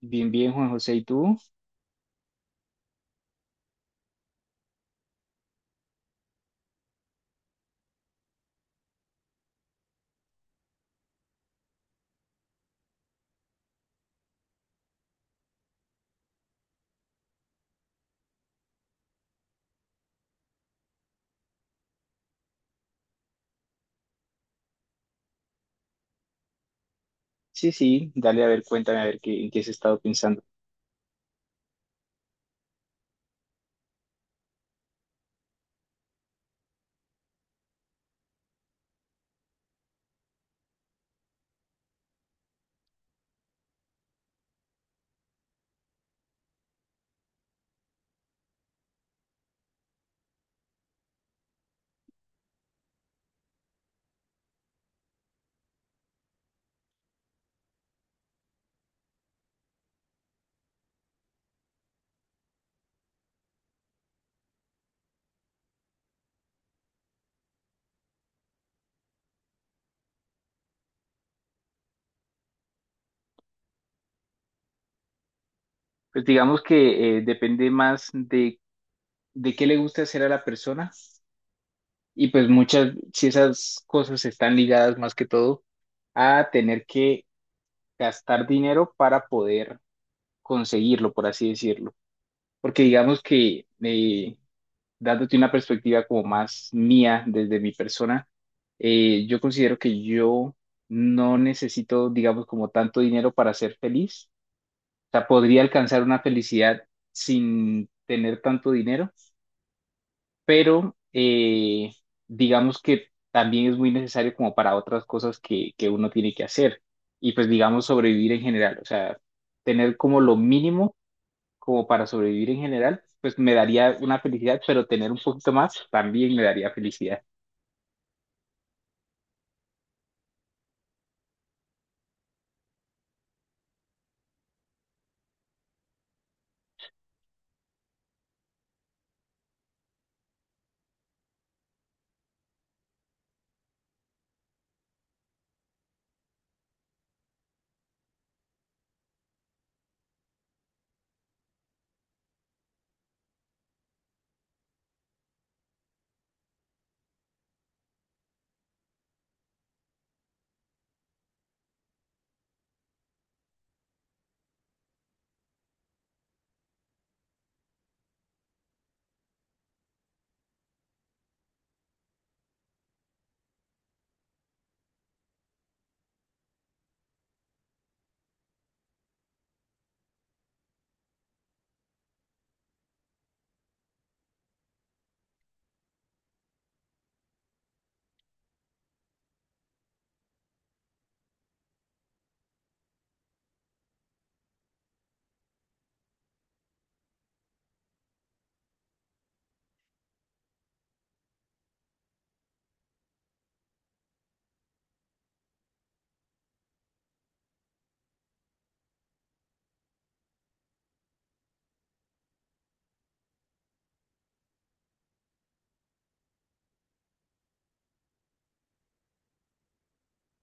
Bien, bien, Juan José, ¿y tú? Sí, sí, dale, a ver, cuéntame, a ver qué, en qué has estado pensando. Pues digamos que depende más de qué le gusta hacer a la persona y pues muchas, si esas cosas están ligadas más que todo a tener que gastar dinero para poder conseguirlo, por así decirlo. Porque digamos que dándote una perspectiva como más mía desde mi persona, yo considero que yo no necesito, digamos, como tanto dinero para ser feliz. O sea, podría alcanzar una felicidad sin tener tanto dinero, pero digamos que también es muy necesario como para otras cosas que uno tiene que hacer y pues digamos sobrevivir en general. O sea, tener como lo mínimo como para sobrevivir en general, pues me daría una felicidad, pero tener un poquito más también me daría felicidad.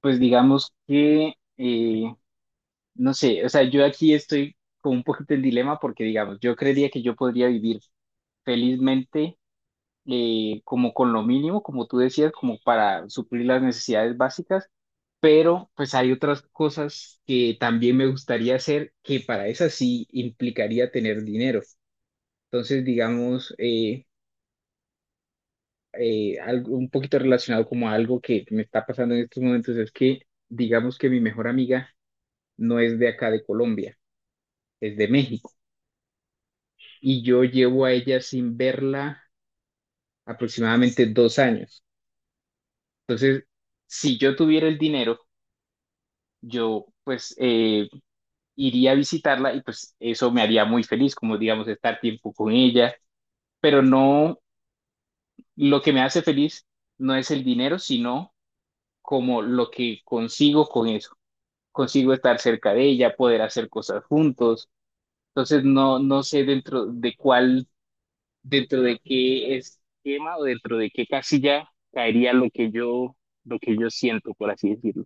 Pues digamos que, no sé, o sea, yo aquí estoy con un poquito el dilema porque, digamos, yo creería que yo podría vivir felizmente como con lo mínimo, como tú decías, como para suplir las necesidades básicas, pero pues hay otras cosas que también me gustaría hacer que para esas sí implicaría tener dinero. Entonces, digamos, algo, un poquito relacionado como a algo que me está pasando en estos momentos es que digamos que mi mejor amiga no es de acá de Colombia, es de México y yo llevo a ella sin verla aproximadamente 2 años. Entonces, si yo tuviera el dinero, yo pues iría a visitarla y pues eso me haría muy feliz, como digamos estar tiempo con ella, pero no, lo que me hace feliz no es el dinero, sino como lo que consigo con eso. Consigo estar cerca de ella, poder hacer cosas juntos. Entonces no, no sé dentro de cuál, dentro de qué esquema o dentro de qué casilla caería lo que yo siento, por así decirlo.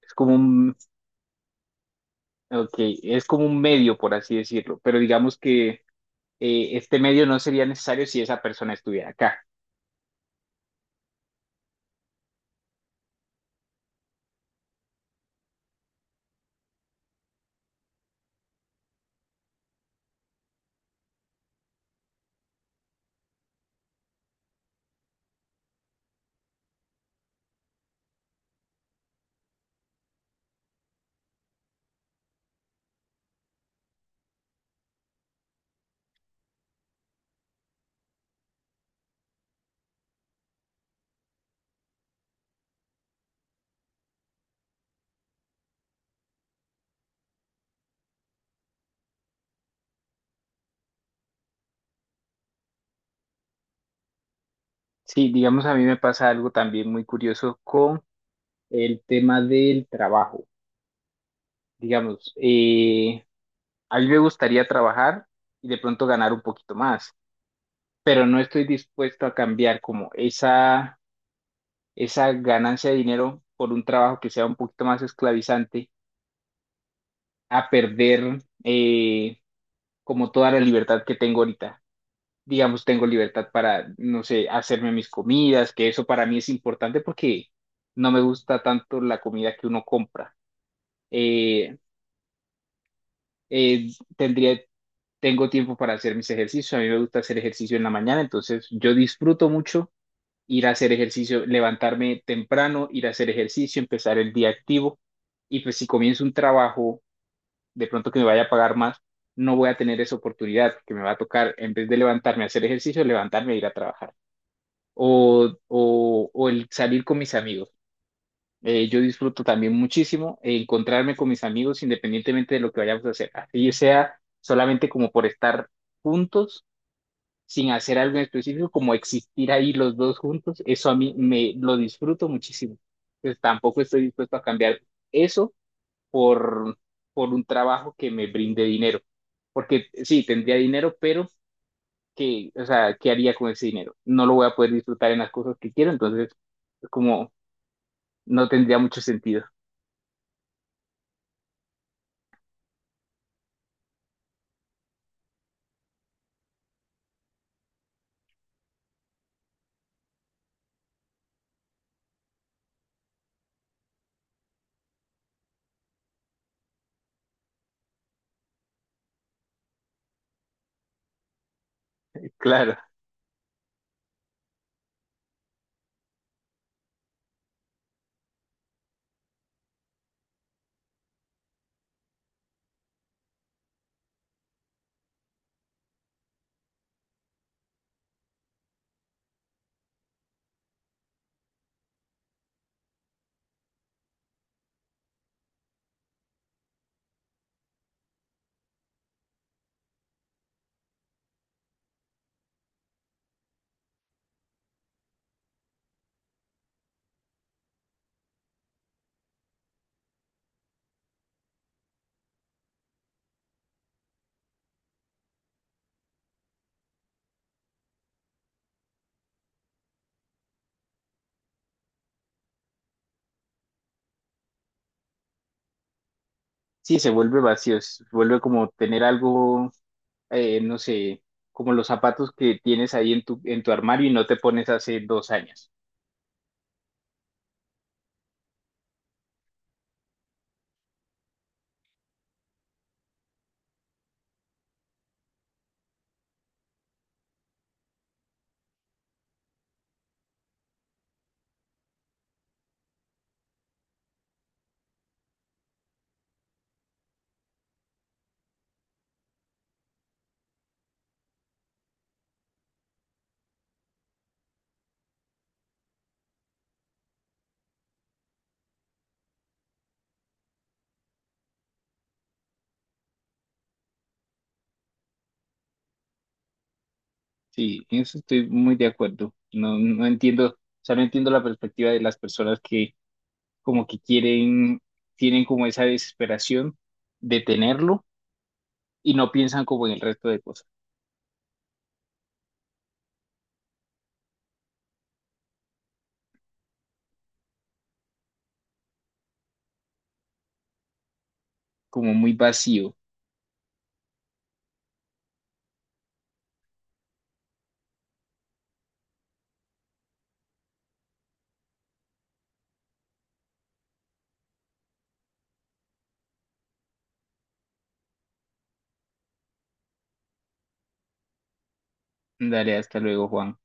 Es como un, okay, es como un medio, por así decirlo, pero digamos que este medio no sería necesario si esa persona estuviera acá. Sí, digamos, a mí me pasa algo también muy curioso con el tema del trabajo. Digamos, a mí me gustaría trabajar y de pronto ganar un poquito más, pero no estoy dispuesto a cambiar como esa ganancia de dinero por un trabajo que sea un poquito más esclavizante, a perder como toda la libertad que tengo ahorita. Digamos, tengo libertad para, no sé, hacerme mis comidas, que eso para mí es importante porque no me gusta tanto la comida que uno compra. Eh, eh, tendría tengo tiempo para hacer mis ejercicios. A mí me gusta hacer ejercicio en la mañana, entonces yo disfruto mucho ir a hacer ejercicio, levantarme temprano, ir a hacer ejercicio, empezar el día activo. Y pues si comienzo un trabajo, de pronto que me vaya a pagar más, no voy a tener esa oportunidad, que me va a tocar, en vez de levantarme a hacer ejercicio, levantarme a ir a trabajar. O el salir con mis amigos. Yo disfruto también muchísimo encontrarme con mis amigos independientemente de lo que vayamos a hacer. Así sea solamente como por estar juntos sin hacer algo en específico, como existir ahí los dos juntos, eso a mí me lo disfruto muchísimo. Pues tampoco estoy dispuesto a cambiar eso por, por un trabajo que me brinde dinero. Porque sí, tendría dinero, pero que, o sea, ¿qué haría con ese dinero? No lo voy a poder disfrutar en las cosas que quiero, entonces es como no tendría mucho sentido. Claro, sí, se vuelve vacío, se vuelve como tener algo no sé, como los zapatos que tienes ahí en en tu armario y no te pones hace 2 años. Sí, en eso estoy muy de acuerdo. No, no entiendo, o sea, no entiendo la perspectiva de las personas que como que quieren, tienen como esa desesperación de tenerlo y no piensan como en el resto de cosas, como muy vacío. Dale, hasta luego, Juan.